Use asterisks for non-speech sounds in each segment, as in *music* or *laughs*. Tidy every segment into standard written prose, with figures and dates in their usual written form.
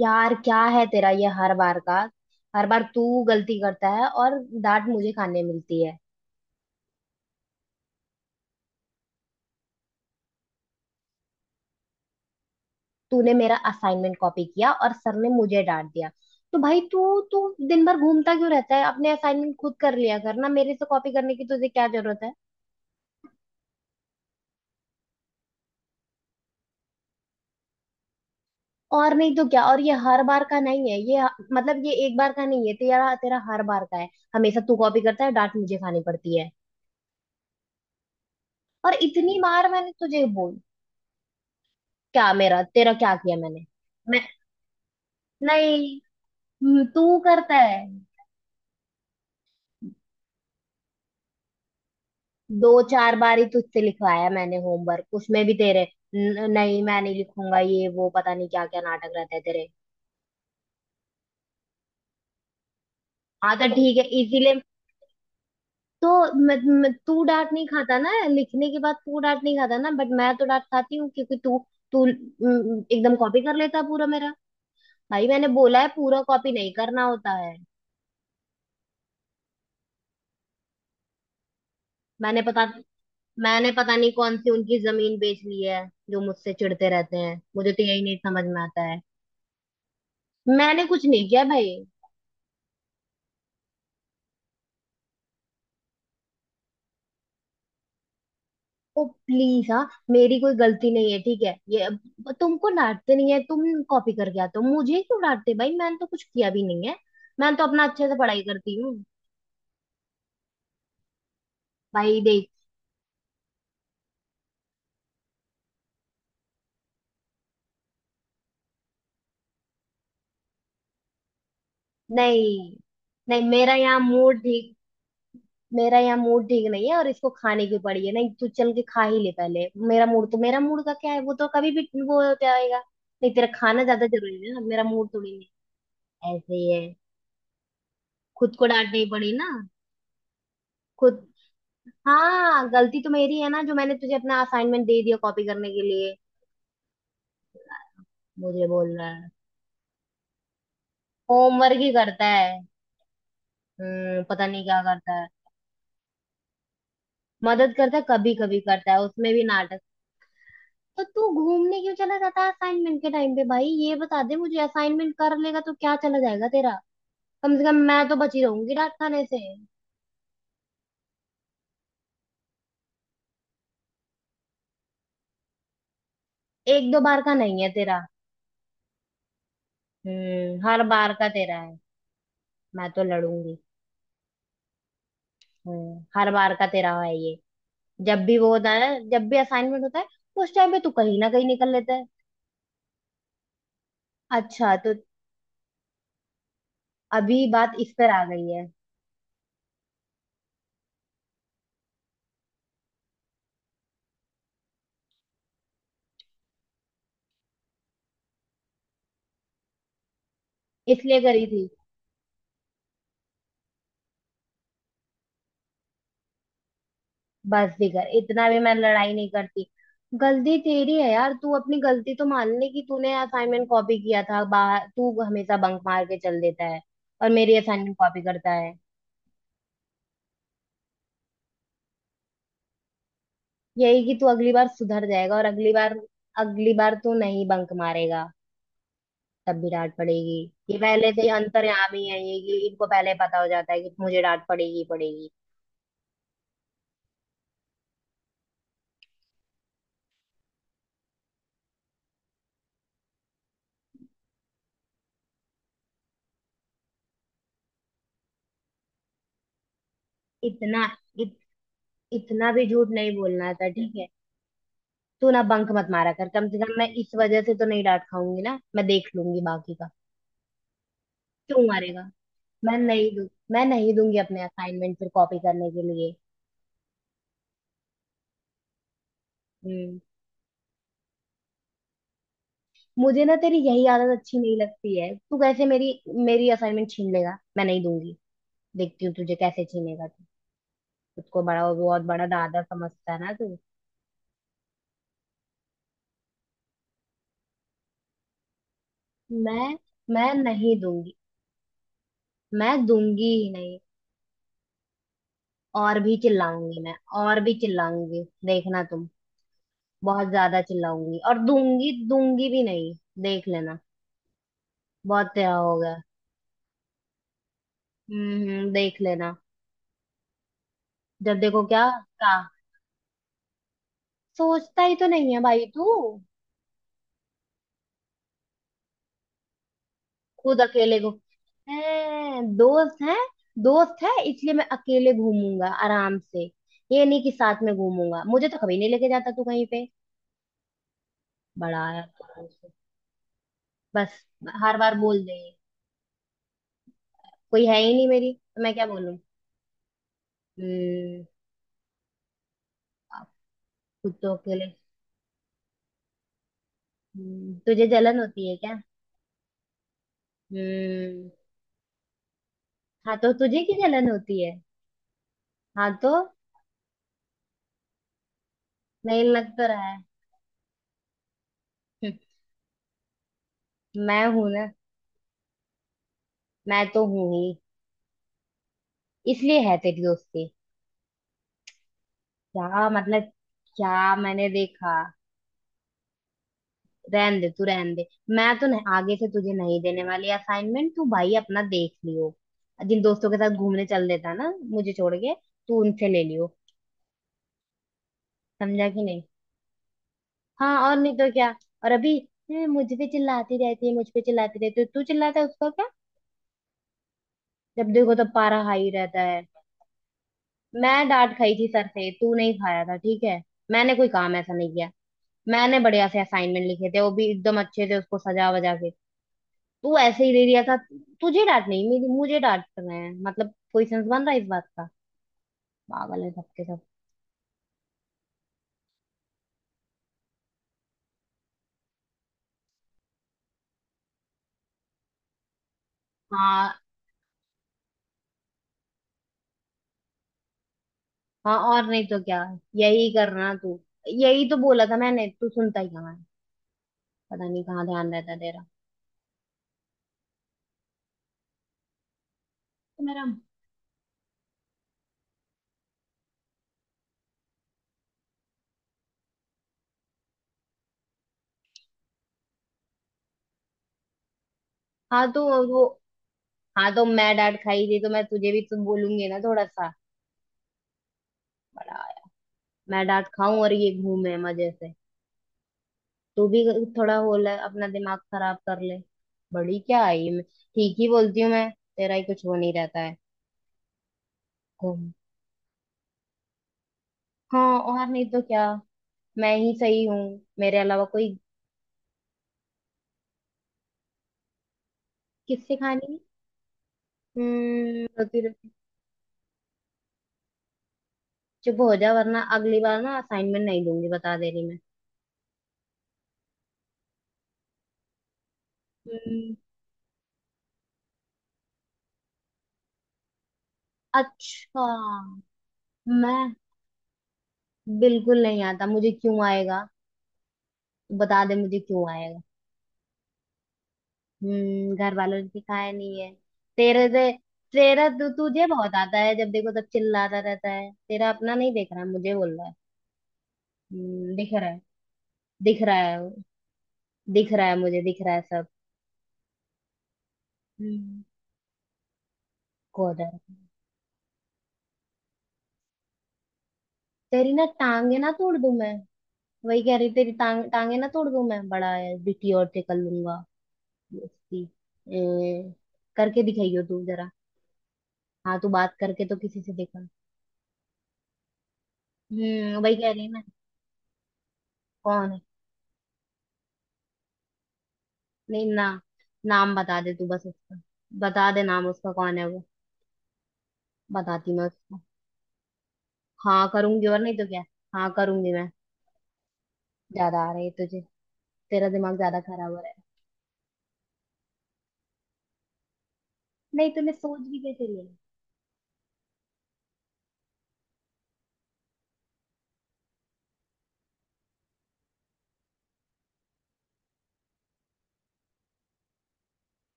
यार क्या है तेरा ये हर बार का। हर बार तू गलती करता है और डांट मुझे खाने मिलती है। तूने मेरा असाइनमेंट कॉपी किया और सर ने मुझे डांट दिया। तो भाई तू तू दिन भर घूमता क्यों रहता है। अपने असाइनमेंट खुद कर लिया कर ना। मेरे से कॉपी करने की तुझे क्या जरूरत है। और नहीं तो क्या। और ये हर बार का नहीं है ये। मतलब ये एक बार का नहीं है तेरा तेरा हर बार का है। हमेशा तू कॉपी करता है। डांट मुझे खानी पड़ती है। और इतनी बार मैंने तुझे बोल। क्या मेरा तेरा क्या किया मैंने। मैं नहीं। तू करता है। दो चार बार ही तुझसे लिखवाया मैंने होमवर्क। उसमें भी तेरे नहीं मैं नहीं लिखूंगा। ये वो पता नहीं क्या क्या नाटक रहता है तेरे। हाँ तो ठीक है इसीलिए। तो म, म, तू डांट नहीं खाता ना। लिखने के बाद तू डांट नहीं खाता ना। बट मैं तो डांट खाती हूँ क्योंकि तू। तू एकदम कॉपी कर लेता है पूरा मेरा। भाई मैंने बोला है पूरा कॉपी नहीं करना होता है। मैंने पता मैंने पता नहीं कौन सी उनकी जमीन बेच ली है। जो मुझसे चिढ़ते रहते हैं। मुझे तो यही नहीं समझ में आता है। मैंने कुछ नहीं किया भाई। ओ प्लीज हाँ। मेरी कोई गलती नहीं है ठीक है ये। अब तुमको डांटते नहीं है। तुम कॉपी करके आते हो मुझे क्यों डांटते। भाई मैंने तो कुछ किया भी नहीं है। मैं तो अपना अच्छे से पढ़ाई करती हूँ। भाई देख। नहीं नहीं। मेरा यहाँ मूड ठीक नहीं है। और इसको खाने की पड़ी है। नहीं तू चल के खा ही ले पहले। मेरा मूड तो मेरा मूड का क्या है। वो तो कभी भी वो होता रहेगा। नहीं तेरा खाना ज्यादा जरूरी है ना। मेरा मूड थोड़ी नहीं है। ऐसे ही है। खुद को डांटनी पड़ी ना। खुद। हाँ गलती तो मेरी है ना। जो मैंने तुझे अपना असाइनमेंट दे दिया कॉपी करने के लिए। मुझे बोल रहा है। होमवर्क ही करता है। पता नहीं क्या करता है। मदद करता है कभी कभी करता है उसमें भी नाटक। तो तू घूमने क्यों चला जाता है असाइनमेंट के टाइम पे। भाई ये बता दे मुझे। असाइनमेंट कर लेगा तो क्या चला जाएगा तेरा। कम से कम मैं तो बची रहूंगी डांट खाने से। एक दो बार का नहीं है तेरा। हर बार का तेरा है। मैं तो लड़ूंगी। हर बार का तेरा है ये। जब भी वो होता है ना। जब भी असाइनमेंट होता है उस टाइम पे तू कहीं ना कहीं निकल लेता है। अच्छा तो। अभी बात इस पर आ गई है। इसलिए करी थी। बस दिखर इतना भी मैं लड़ाई नहीं करती। गलती तेरी है यार। तू अपनी गलती तो मान ले कि तूने असाइनमेंट कॉपी किया था। बाहर तू हमेशा बंक मार के चल देता है और मेरी असाइनमेंट कॉपी करता है। यही कि तू अगली बार सुधर जाएगा और अगली बार। अगली बार तू नहीं बंक मारेगा। तब भी डांट पड़ेगी। ये पहले से ही अंतर्यामी है ये। कि इनको पहले पता हो जाता है कि मुझे डांट पड़ेगी ही पड़ेगी। इतना इत, इतना भी झूठ नहीं बोलना था ठीक है। तू ना बंक मत मारा कर। कम से कम मैं इस वजह से तो नहीं डांट खाऊंगी ना। मैं देख लूंगी बाकी का। क्यों मारेगा। मैं नहीं दूंगी अपने असाइनमेंट फिर कॉपी करने के लिए। हम्म। मुझे ना तेरी यही आदत अच्छी नहीं लगती है। तू कैसे मेरी। मेरी असाइनमेंट छीन लेगा। मैं नहीं दूंगी। देखती हूँ तुझे कैसे छीनेगा तू। खुद को बड़ा वो बहुत बड़ा दादा समझता है ना तू। मैं। मैं नहीं दूंगी। मैं दूंगी ही नहीं। और भी चिल्लाऊंगी मैं। और भी चिल्लाऊंगी देखना तुम। बहुत ज्यादा चिल्लाऊंगी और दूंगी दूंगी भी नहीं। देख लेना। बहुत तेरा हो गया। हम्म, देख लेना। जब देखो क्या। का। सोचता ही तो नहीं है भाई तू। खुद अकेले को है। दोस्त है। दोस्त है इसलिए मैं अकेले घूमूंगा आराम से। ये नहीं कि साथ में घूमूंगा। मुझे तो कभी नहीं लेके जाता तू कहीं पे। बड़ा आया तू। बस हर बार बोल दे। कोई है ही नहीं मेरी। तो मैं क्या बोलूं। हम्म आप। खुद तो अकेले। तुझे जलन होती है क्या। हम्म। हाँ तो तुझे की जलन होती है। हाँ तो नहीं लग तो रहा है *laughs* हम्म, मैं हूं ना। मैं तो हूं ही। इसलिए है तेरी दोस्ती। क्या मतलब। क्या मैंने देखा। रहन दे तू रहन दे। मैं तो नहीं, आगे से तुझे नहीं देने वाली असाइनमेंट। तू भाई अपना देख लियो। जिन दोस्तों के साथ घूमने चल देता ना मुझे छोड़ के। तू उनसे ले लियो। समझा कि नहीं। हाँ और नहीं तो क्या। और अभी। "हैं, मुझ पे चिल्लाती रहती है मुझ पे चिल्लाती रहती है तो तू चिल्लाता है उसका क्या। जब देखो तो पारा हाई रहता है। मैं डांट खाई थी सर से तू नहीं खाया था ठीक है। मैंने कोई काम ऐसा नहीं किया। मैंने बढ़िया से असाइनमेंट लिखे थे वो भी एकदम अच्छे से उसको सजा वजा के। तू ऐसे ही ले लिया था। तुझे डांट नहीं मेरी मुझे डांट रहे हैं। मतलब कोई सेंस बन रहा है इस बात का। पागल है सबके सब। हाँ, हाँ और नहीं तो क्या। यही करना तू। यही तो बोला था मैंने। तू सुनता ही कहाँ है। पता नहीं कहाँ ध्यान रहता तेरा। तो मेरा। हाँ तो वो। हाँ तो मैं डांट खाई थी तो मैं तुझे भी तो बोलूंगी ना थोड़ा सा। बड़ा। मैं डांट खाऊं और ये घूमे मजे से। तू भी थोड़ा हो ले अपना दिमाग खराब कर ले। बड़ी क्या आई मैं। ठीक ही बोलती हूँ मैं। तेरा ही कुछ वो नहीं रहता है। घूम। हाँ और नहीं तो क्या। मैं ही सही हूँ। मेरे अलावा कोई। किससे खानी है। रोती रोती। चुप हो जा वरना अगली बार ना असाइनमेंट नहीं दूंगी बता दे रही मैं। हम्म, अच्छा। मैं। बिल्कुल नहीं आता मुझे क्यों आएगा। बता दे मुझे क्यों आएगा। घर वालों ने सिखाया नहीं है। तेरे से। तेरा तुझे बहुत आता है। जब देखो तब चिल्लाता रहता है। तेरा अपना नहीं देख रहा है मुझे बोल रहा है। दिख रहा है। दिख रहा है वो, दिख रहा है मुझे दिख रहा है सब। हम्म। गोदर तेरी ना टांगे ना तोड़ दूं मैं। वही कह रही तेरी टांगे ना तोड़ दूं मैं। बड़ा है बिटी और से कर लूंगा। उसकी। ए, करके दिखाइयो तू जरा। हाँ तू बात करके तो किसी से देखा। वही कह रही है ना। कौन है। नहीं ना। नाम बता दे तू बस उसका। बता दे नाम उसका कौन है वो। बताती मैं उसको। हाँ करूंगी और नहीं तो क्या। हाँ करूंगी मैं। ज्यादा आ रही है तुझे। तेरा दिमाग ज्यादा खराब हो रहा है। नहीं तूने सोच भी कैसे लिया।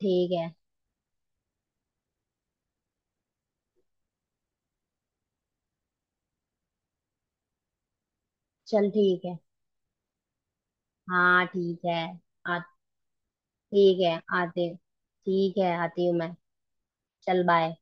ठीक है। चल ठीक है। हाँ ठीक है। आ ठीक है आते ठीक है आती हूँ मैं। चल बाय।